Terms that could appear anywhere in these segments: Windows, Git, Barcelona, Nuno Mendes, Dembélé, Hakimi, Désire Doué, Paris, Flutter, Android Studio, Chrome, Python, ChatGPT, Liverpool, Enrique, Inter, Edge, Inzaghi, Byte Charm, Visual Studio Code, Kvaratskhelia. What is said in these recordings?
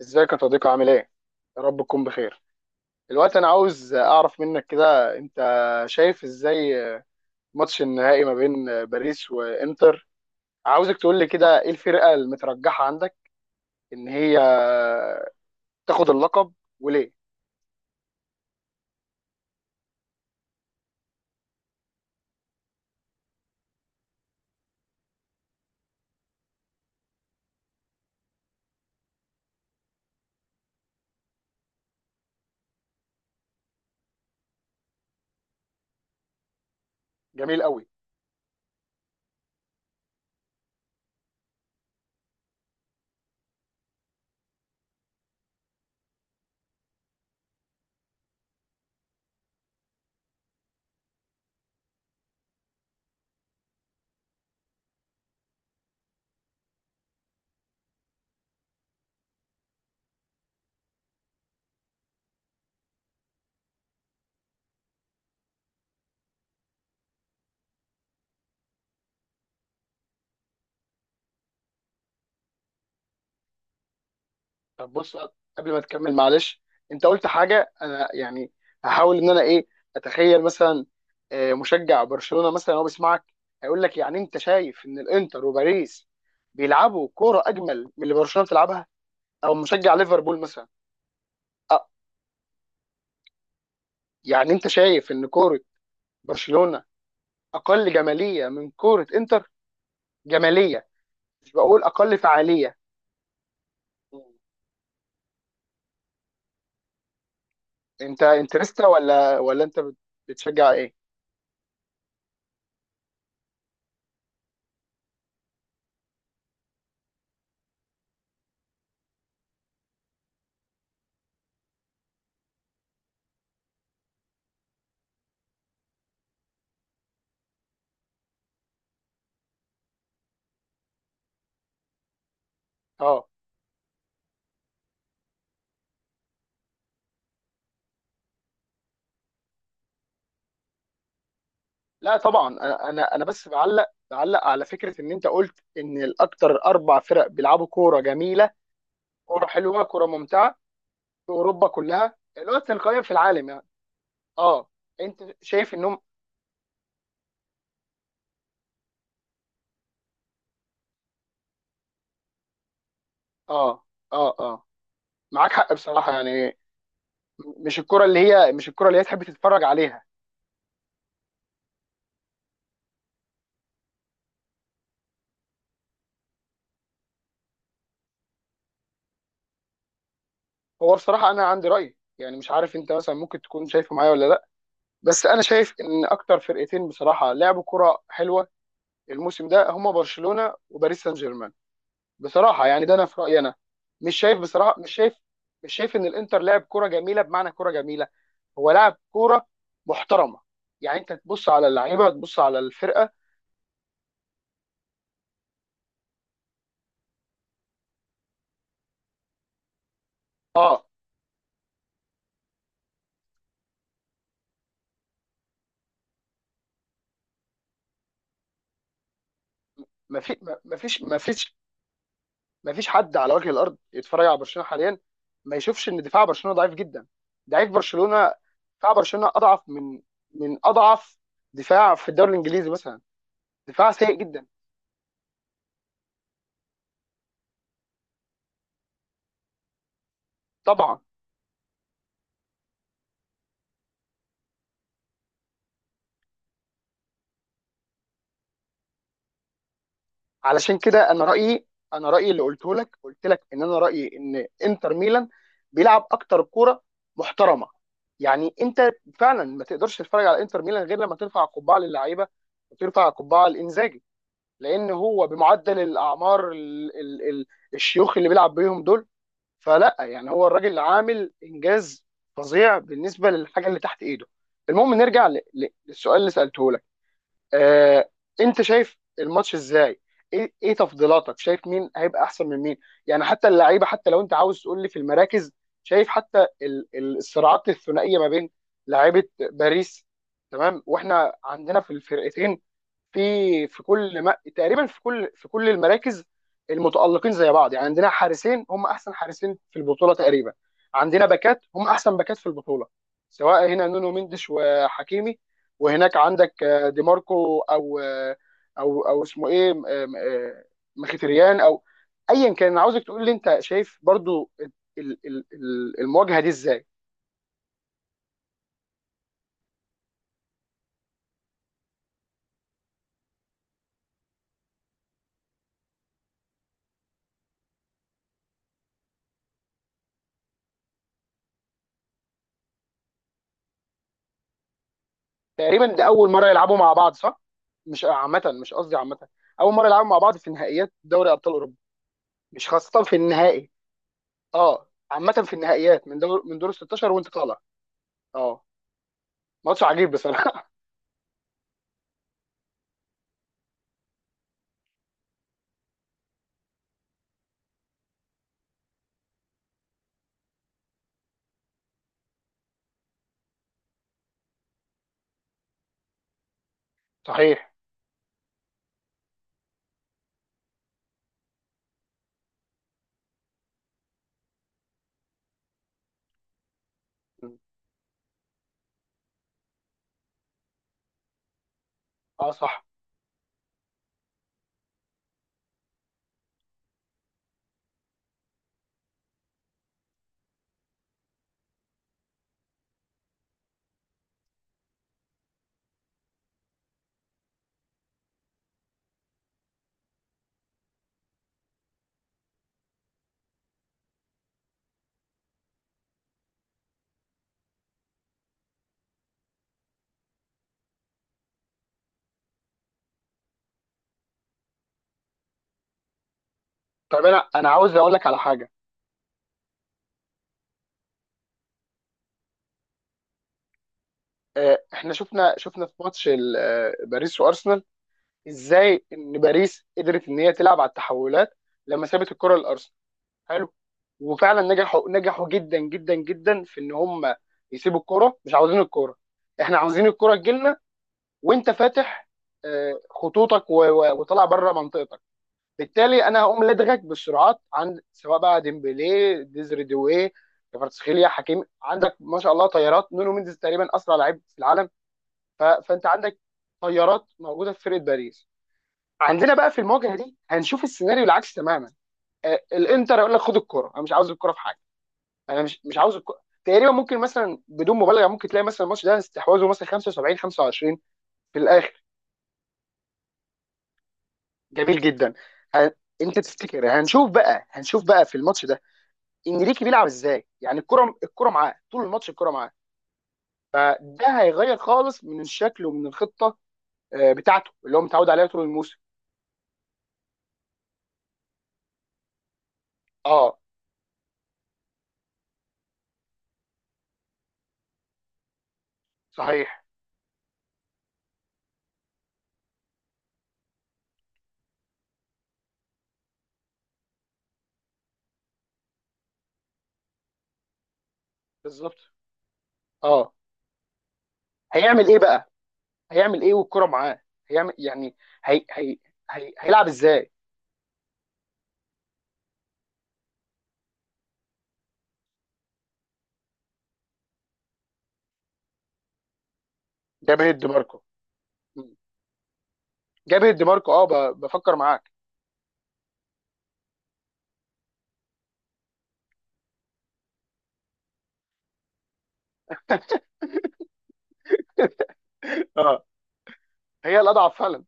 ازيك يا صديقي؟ عامل ايه؟ يا رب تكون بخير. دلوقتي انا عاوز اعرف منك كده، انت شايف ازاي ماتش النهائي ما بين باريس وانتر؟ عاوزك تقول لي كده ايه الفرقة المترجحة عندك ان هي تاخد اللقب، وليه؟ جميل قوي. طب بص، قبل ما تكمل معلش، انت قلت حاجة انا يعني هحاول انا ايه، اتخيل مثلا مشجع برشلونة مثلا هو بيسمعك، هيقول لك يعني انت شايف ان الانتر وباريس بيلعبوا كورة اجمل من اللي برشلونة بتلعبها؟ او مشجع ليفربول مثلا. أ- يعني انت شايف ان كوره برشلونه اقل جماليه من كوره انتر؟ جماليه، مش بقول اقل فعاليه. انت انترستا ولا انت بتشجع ايه؟ اه. لا طبعا، انا أنا بس بعلق، بعلق على فكره ان انت قلت ان الاكتر اربع فرق بيلعبوا كوره جميله، كوره حلوه، كوره ممتعه في اوروبا كلها، الوقت القيم في العالم يعني. اه، انت شايف انهم؟ اه اه اه، معاك حق بصراحه يعني. مش الكرة اللي هي، مش الكرة اللي هي تحب تتفرج عليها. هو بصراحة أنا عندي رأي يعني، مش عارف أنت مثلا ممكن تكون شايفه معايا ولا لأ، بس أنا شايف إن أكتر فرقتين بصراحة لعبوا كرة حلوة الموسم ده هما برشلونة وباريس سان جيرمان. بصراحة يعني ده أنا في رأيي أنا. مش شايف بصراحة، مش شايف، مش شايف إن الإنتر لعب كرة جميلة بمعنى كرة جميلة. هو لعب كرة محترمة، يعني أنت تبص على اللعيبة، تبص على الفرقة. أه. مفيش مفيش مفيش، ما فيش حد على وجه الارض يتفرج على برشلونه حاليا ما يشوفش ان دفاع برشلونه ضعيف جدا. ضعيف برشلونه، دفاع برشلونه اضعف من، من اضعف دفاع في الدوري الانجليزي مثلا. دفاع سيء جدا. طبعا. علشان كده انا رايي، انا رايي اللي قلته لك، قلت لك ان انا رايي ان انتر ميلان بيلعب اكتر كوره محترمه. يعني انت فعلا ما تقدرش تتفرج على انتر ميلان غير لما ترفع القبعه للعيبه، وترفع القبعه لانزاجي، لان هو بمعدل الاعمار ال الشيوخ اللي بيلعب بيهم دول. فلا يعني هو الراجل عامل انجاز فظيع بالنسبه للحاجه اللي تحت ايده. المهم نرجع للسؤال اللي سالته لك. آه، انت شايف الماتش ازاي؟ ايه ايه تفضيلاتك؟ شايف مين هيبقى احسن من مين؟ يعني حتى اللعيبه، حتى لو انت عاوز تقول لي في المراكز، شايف حتى الصراعات الثنائيه ما بين لعيبه باريس، تمام، واحنا عندنا في الفرقتين في كل، ما تقريبا في كل المراكز المتألقين زي بعض. يعني عندنا حارسين هم احسن حارسين في البطولة تقريبا، عندنا باكات هم احسن باكات في البطولة، سواء هنا نونو مندش وحكيمي، وهناك عندك دي ماركو او او اسمه ايه، آم، آه، مخيتريان او ايا كان. انا عاوزك تقول لي انت شايف برضو المواجهة دي ازاي. تقريبا ده اول مرة يلعبوا مع بعض، صح؟ مش عامة، مش قصدي عامة، اول مرة يلعبوا مع بعض في نهائيات دوري ابطال اوروبا، مش خاصة في النهائي. اه عامة في النهائيات من دور، من دور ال 16 وانت طالع. اه. ماتش عجيب بصراحة. صحيح. اه صح. طب انا، انا عاوز اقول لك على حاجة. آه، احنا شفنا، شفنا في ماتش باريس وارسنال ازاي ان باريس قدرت ان هي تلعب على التحولات لما سابت الكرة لارسنال. حلو. وفعلا نجحوا، نجحوا جدا جدا جدا في ان هم يسيبوا الكرة. مش عاوزين الكرة، احنا عاوزين الكرة تجيلنا وانت فاتح خطوطك وطالع بره منطقتك. بالتالي انا هقوم لدغك بالسرعات، عند سواء بقى ديمبلي، ديزري دوي، كفاراتسخيليا، حكيمي. عندك ما شاء الله طيارات، نونو مينديز تقريبا اسرع لعيب في العالم. فانت عندك طيارات موجوده في فرقه باريس. عندنا بقى في المواجهه دي هنشوف السيناريو العكس تماما. آه، الانتر يقول لك خد الكره، انا مش عاوز الكره في حاجه، انا مش عاوز الكره تقريبا. ممكن مثلا بدون مبالغه، ممكن تلاقي مثلا الماتش ده استحواذه مثلا 75 25. في الاخر. جميل جدا. ه- انت تفتكر هنشوف بقى، هنشوف بقى في الماتش ده انريكي بيلعب ازاي؟ يعني الكره، الكره معاه طول الماتش الكره معاه، فده هيغير خالص من الشكل ومن الخطه بتاعته اللي هو متعود عليها طول الموسم. اه صحيح. بالظبط. اه. هيعمل ايه بقى؟ هيعمل ايه والكره معاه؟ هيعمل يعني، هي... هي... هيلعب ازاي؟ جاب هيد ماركو. مم. جاب هيد ماركو. اه، بفكر معاك. اه هي الاضعف فعلا.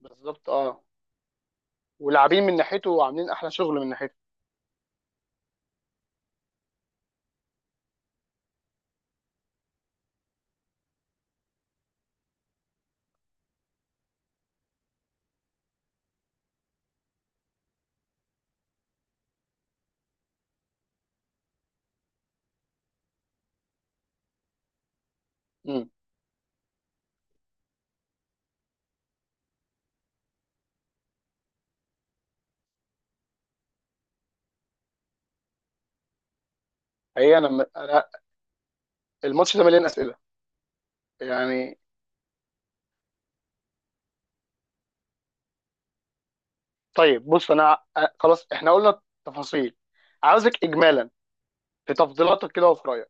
بالظبط اه. ولاعبين من ناحيته، وعاملين احلى شغل من ناحيته. مم. هي، انا الماتش ده مليان اسئله يعني. طيب بص، انا خلاص، احنا قلنا تفاصيل، عاوزك اجمالا في تفضيلاتك كده وفي رايك،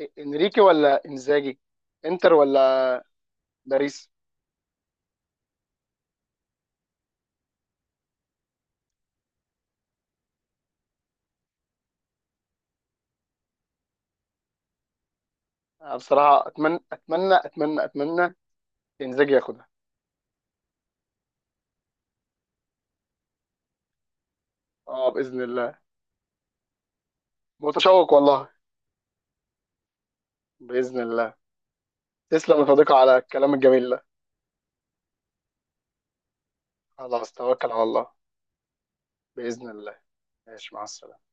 انريكي ولا انزاجي؟ انتر ولا باريس؟ أنا بصراحه اتمنى، اتمنى، اتمنى، اتمنى انزاجي ياخدها. اه باذن الله. متشوق والله. باذن الله. تسلم يا صديقي على الكلام الجميل ده. خلاص توكل على الله. باذن الله. ماشي مع السلامه.